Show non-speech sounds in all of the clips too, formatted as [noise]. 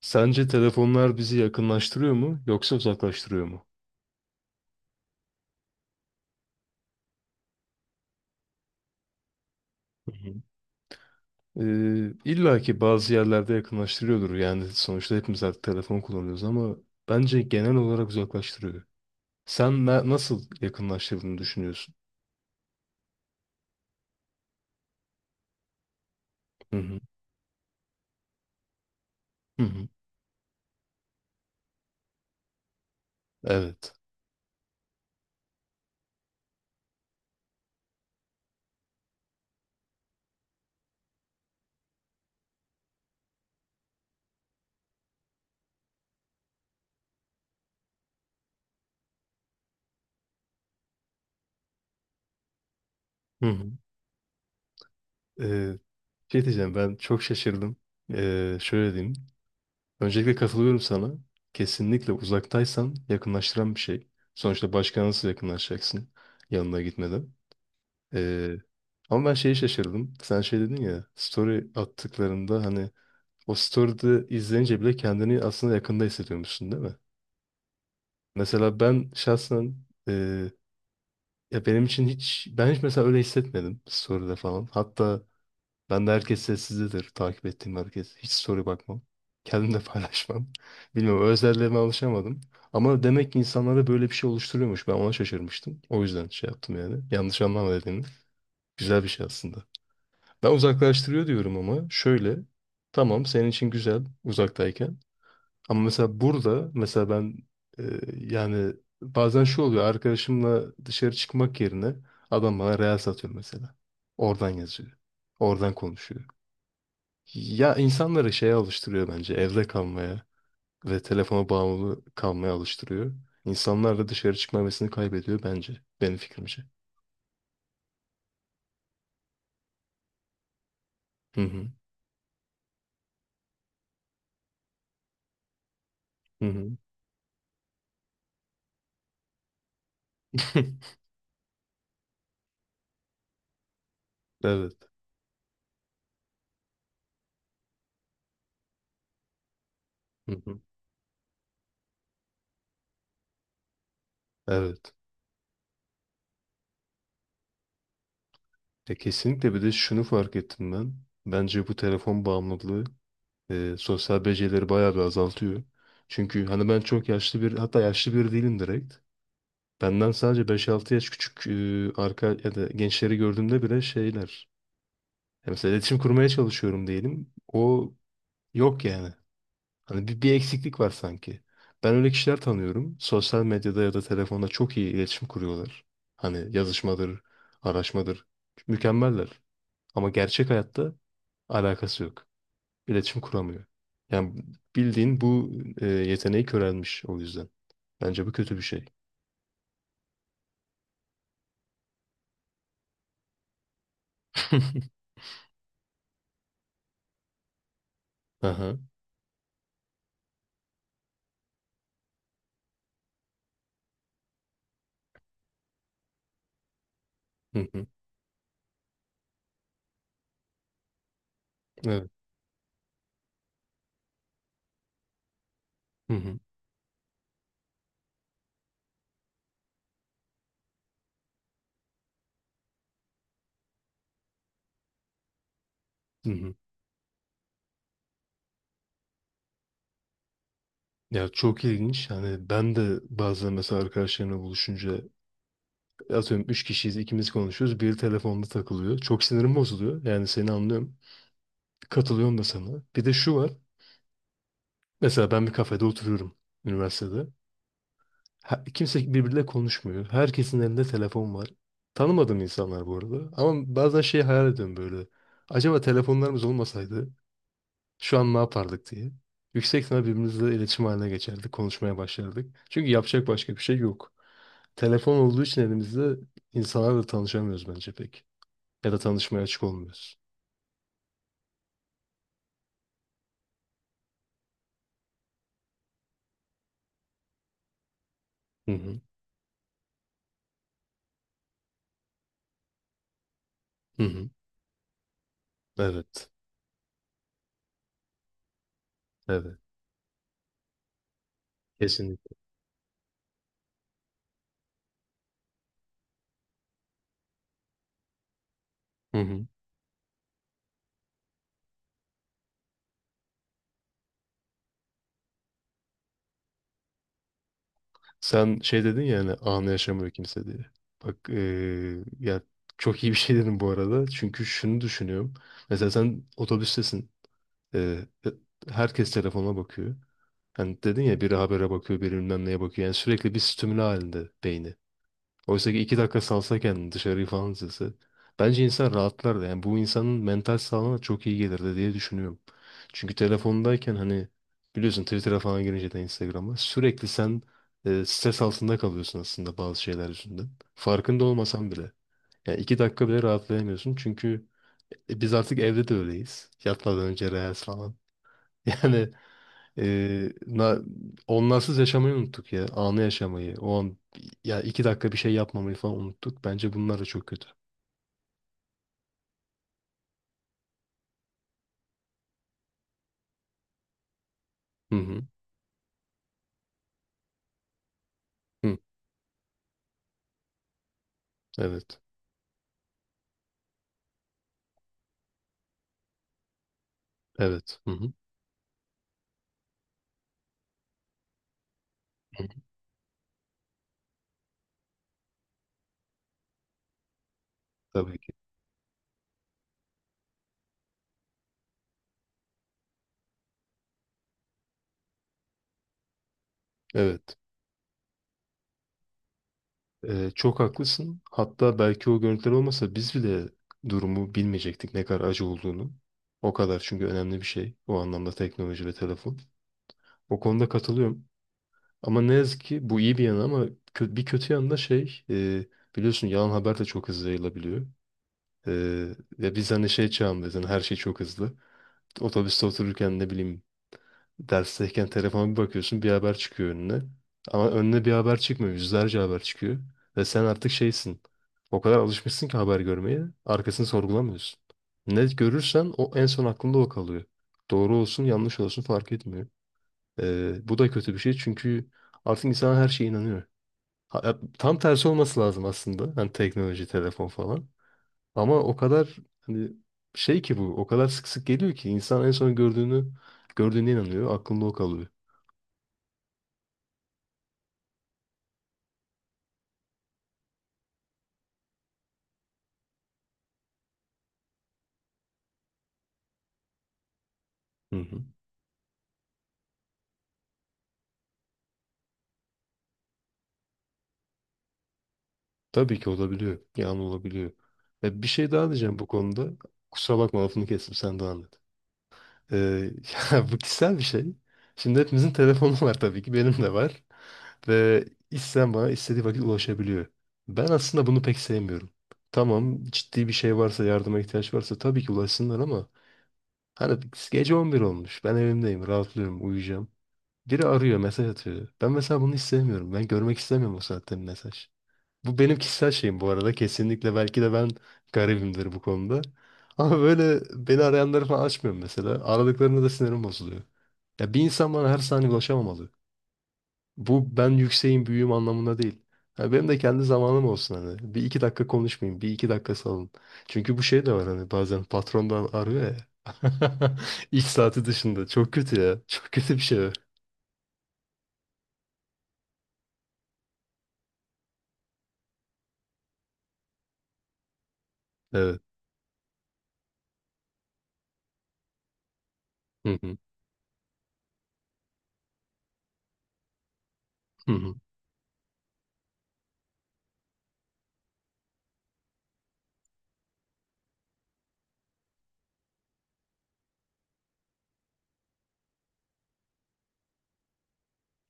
Sence telefonlar bizi yakınlaştırıyor mu yoksa uzaklaştırıyor mu? Hı hı. İlla ki bazı yerlerde yakınlaştırıyordur. Yani sonuçta hepimiz artık telefon kullanıyoruz, ama bence genel olarak uzaklaştırıyor. Sen nasıl yakınlaştırdığını düşünüyorsun? Hı hı. Hı hı. Evet. Hı hı. Ee, Şey diyeceğim, ben çok şaşırdım. Şöyle diyeyim. Öncelikle katılıyorum sana. Kesinlikle uzaktaysan yakınlaştıran bir şey. Sonuçta başka nasıl yakınlaşacaksın yanına gitmeden? Ee, Ama ben şeyi şaşırdım. Sen şey dedin ya, story attıklarında, hani o story'de izleyince bile kendini aslında yakında hissediyormuşsun değil mi? Mesela ben şahsen e, ya benim için hiç, ben hiç mesela öyle hissetmedim story'de falan. Hatta ben de herkes sessizdedir, takip ettiğim herkes. Hiç story bakmam. Kendim de [laughs] paylaşmam. Bilmiyorum, özelliğime alışamadım. Ama demek ki insanlarda böyle bir şey oluşturuyormuş. Ben ona şaşırmıştım. O yüzden şey yaptım yani. Yanlış anlama dediğini. Güzel bir şey aslında. Ben uzaklaştırıyor diyorum ama şöyle. Tamam, senin için güzel uzaktayken. Ama mesela burada mesela ben e, yani bazen şu oluyor, arkadaşımla dışarı çıkmak yerine adam bana real satıyor mesela. Oradan yazıyor. Oradan konuşuyor. Ya insanları şeye alıştırıyor bence, evde kalmaya ve telefona bağımlı kalmaya alıştırıyor. İnsanlar da dışarı çıkma hevesini kaybediyor bence. Benim fikrimce. Hı hı. Hı hı. [laughs] Evet. Hı hı. Evet. Ya kesinlikle, bir de şunu fark ettim ben. Bence bu telefon bağımlılığı sosyal becerileri bayağı bir azaltıyor. Çünkü hani ben çok yaşlı, bir hatta yaşlı biri değilim direkt. Benden sadece beş altı yaş küçük e, arka ya da gençleri gördüğümde bile şeyler. Ya mesela iletişim kurmaya çalışıyorum diyelim. O yok yani. Hani bir eksiklik var sanki. Ben öyle kişiler tanıyorum. Sosyal medyada ya da telefonda çok iyi iletişim kuruyorlar. Hani yazışmadır, araşmadır. Mükemmeller. Ama gerçek hayatta alakası yok. İletişim kuramıyor. Yani bildiğin bu yeteneği körelmiş o yüzden. Bence bu kötü bir şey. [laughs] Aha. Hı hı. Evet. Hı hı. Hı hı. Ya çok ilginç. Hani ben de bazen mesela arkadaşlarımla buluşunca, atıyorum 3 kişiyiz, ikimiz konuşuyoruz. Biri telefonda takılıyor. Çok sinirim bozuluyor. Yani seni anlıyorum. Katılıyorum da sana. Bir de şu var. Mesela ben bir kafede oturuyorum, üniversitede. Kimse birbiriyle konuşmuyor. Herkesin elinde telefon var. Tanımadığım insanlar bu arada. Ama bazen şey hayal ediyorum böyle. Acaba telefonlarımız olmasaydı şu an ne yapardık diye. Yüksek ihtimal birbirimizle iletişim haline geçerdik, konuşmaya başlardık. Çünkü yapacak başka bir şey yok. Telefon olduğu için elimizde, insanlarla tanışamıyoruz bence pek. Ya da tanışmaya açık olmuyoruz. Hı hı. Hı hı. Evet. Evet. Kesinlikle. Hı hı. Sen şey dedin ya, hani anı yaşamıyor kimse diye. Bak ya çok iyi bir şey dedin bu arada. Çünkü şunu düşünüyorum. Mesela sen otobüstesin. Eee, e, Herkes telefonuna bakıyor. Hani dedin ya, biri habere bakıyor, biri bilmem neye bakıyor. Yani sürekli bir stimüle halinde beyni. Oysa ki iki dakika salsa kendini, dışarıyı falan izlese. Bence insan rahatlar da, yani bu insanın mental sağlığına çok iyi gelirdi diye düşünüyorum. Çünkü telefondayken hani, biliyorsun, Twitter'a falan girince de, Instagram'a, sürekli sen stres altında kalıyorsun aslında bazı şeyler yüzünden. Farkında olmasan bile. Yani iki dakika bile rahatlayamıyorsun, çünkü biz artık evde de öyleyiz. Yatmadan önce reels falan. [laughs] Yani ee, na, onsuz yaşamayı unuttuk ya. Anı yaşamayı. O an, ya iki dakika bir şey yapmamayı falan unuttuk. Bence bunlar da çok kötü. Hı hı. Hı. Evet. Evet. Hı hı. Hı hı. Tabii ki. Evet. Çok haklısın. Hatta belki o görüntüler olmasa biz bile durumu bilmeyecektik, ne kadar acı olduğunu. O kadar çünkü önemli bir şey. O anlamda teknoloji ve telefon. O konuda katılıyorum. Ama ne yazık ki bu iyi bir yanı, ama bir kötü yanı da şey, biliyorsun, yalan haber de çok hızlı yayılabiliyor. Ee, Ve biz hani şey çağındayız, hani her şey çok hızlı. Otobüste otururken, ne bileyim, dersteyken telefona bir bakıyorsun, bir haber çıkıyor önüne. Ama önüne bir haber çıkmıyor, yüzlerce haber çıkıyor. Ve sen artık şeysin, o kadar alışmışsın ki haber görmeye, arkasını sorgulamıyorsun. Ne görürsen o, en son aklında o kalıyor. Doğru olsun, yanlış olsun fark etmiyor. Bu da kötü bir şey, çünkü artık insan her şeye inanıyor. Ya tam tersi olması lazım aslında. Hani teknoloji, telefon falan. Ama o kadar, hani, şey ki bu, o kadar sık sık geliyor ki insan en son gördüğünü, gördüğüne inanıyor. Aklında o kalıyor. Hı hı. Tabii ki olabiliyor. Yani olabiliyor. Bir şey daha diyeceğim bu konuda. Kusura bakma, lafını kestim, sen devam et. E, [laughs] Ya bu kişisel bir şey. Şimdi hepimizin telefonu var, tabii ki benim de var. Ve isteyen bana istediği vakit ulaşabiliyor. Ben aslında bunu pek sevmiyorum. Tamam, ciddi bir şey varsa, yardıma ihtiyaç varsa tabii ki ulaşsınlar, ama hani gece 11 olmuş. Ben evimdeyim. Rahatlıyorum. Uyuyacağım. Biri arıyor. Mesaj atıyor. Ben mesela bunu hiç sevmiyorum. Ben görmek istemiyorum o saatte bir mesaj. Bu benim kişisel şeyim bu arada. Kesinlikle belki de ben garibimdir bu konuda. [laughs] Ama böyle beni arayanları falan açmıyorum mesela. Aradıklarında da sinirim bozuluyor. Ya bir insan bana her saniye ulaşamamalı. Bu ben yükseğim, büyüğüm anlamında değil. Ha, benim de kendi zamanım olsun hani. Bir iki dakika konuşmayayım. Bir iki dakika salın. Çünkü bu şey de var, hani bazen patrondan arıyor ya. [laughs] İş saati dışında. Çok kötü ya. [laughs] Çok kötü bir şey var. Evet. Hı hı. Hı hı.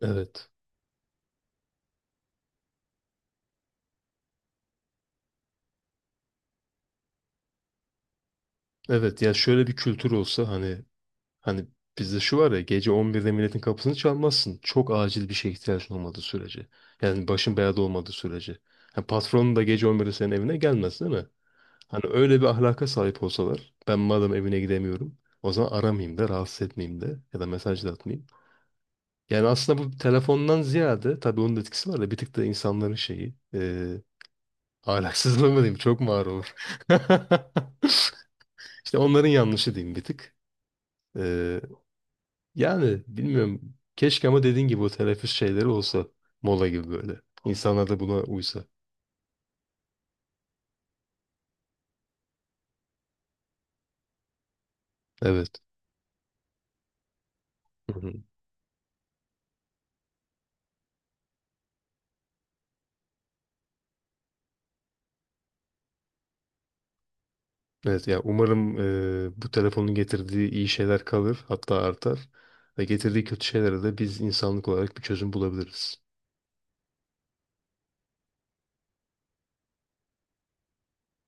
Evet. Evet ya, şöyle bir kültür olsa, hani bizde şu var ya, gece 11'de milletin kapısını çalmazsın. Çok acil bir şeye ihtiyacın olmadığı sürece. Yani başın belada olmadığı sürece. Ha, patronun da gece 11'de senin evine gelmez değil mi? Hani öyle bir ahlaka sahip olsalar, ben madem evine gidemiyorum, o zaman aramayayım da rahatsız etmeyeyim, de ya da mesaj da atmayayım. Yani aslında bu telefondan ziyade, tabii onun da etkisi var da, bir tık da insanların şeyi, ahlaksızlığı mı diyeyim, çok mu ağır olur. [laughs] İşte onların yanlışı diyeyim bir tık. Eee, Yani bilmiyorum, keşke, ama dediğin gibi o teneffüs şeyleri olsa, mola gibi böyle. İnsanlar da buna uysa. Evet. Evet ya, umarım bu telefonun getirdiği iyi şeyler kalır, hatta artar, ve getirdiği kötü şeylere de biz insanlık olarak bir çözüm bulabiliriz.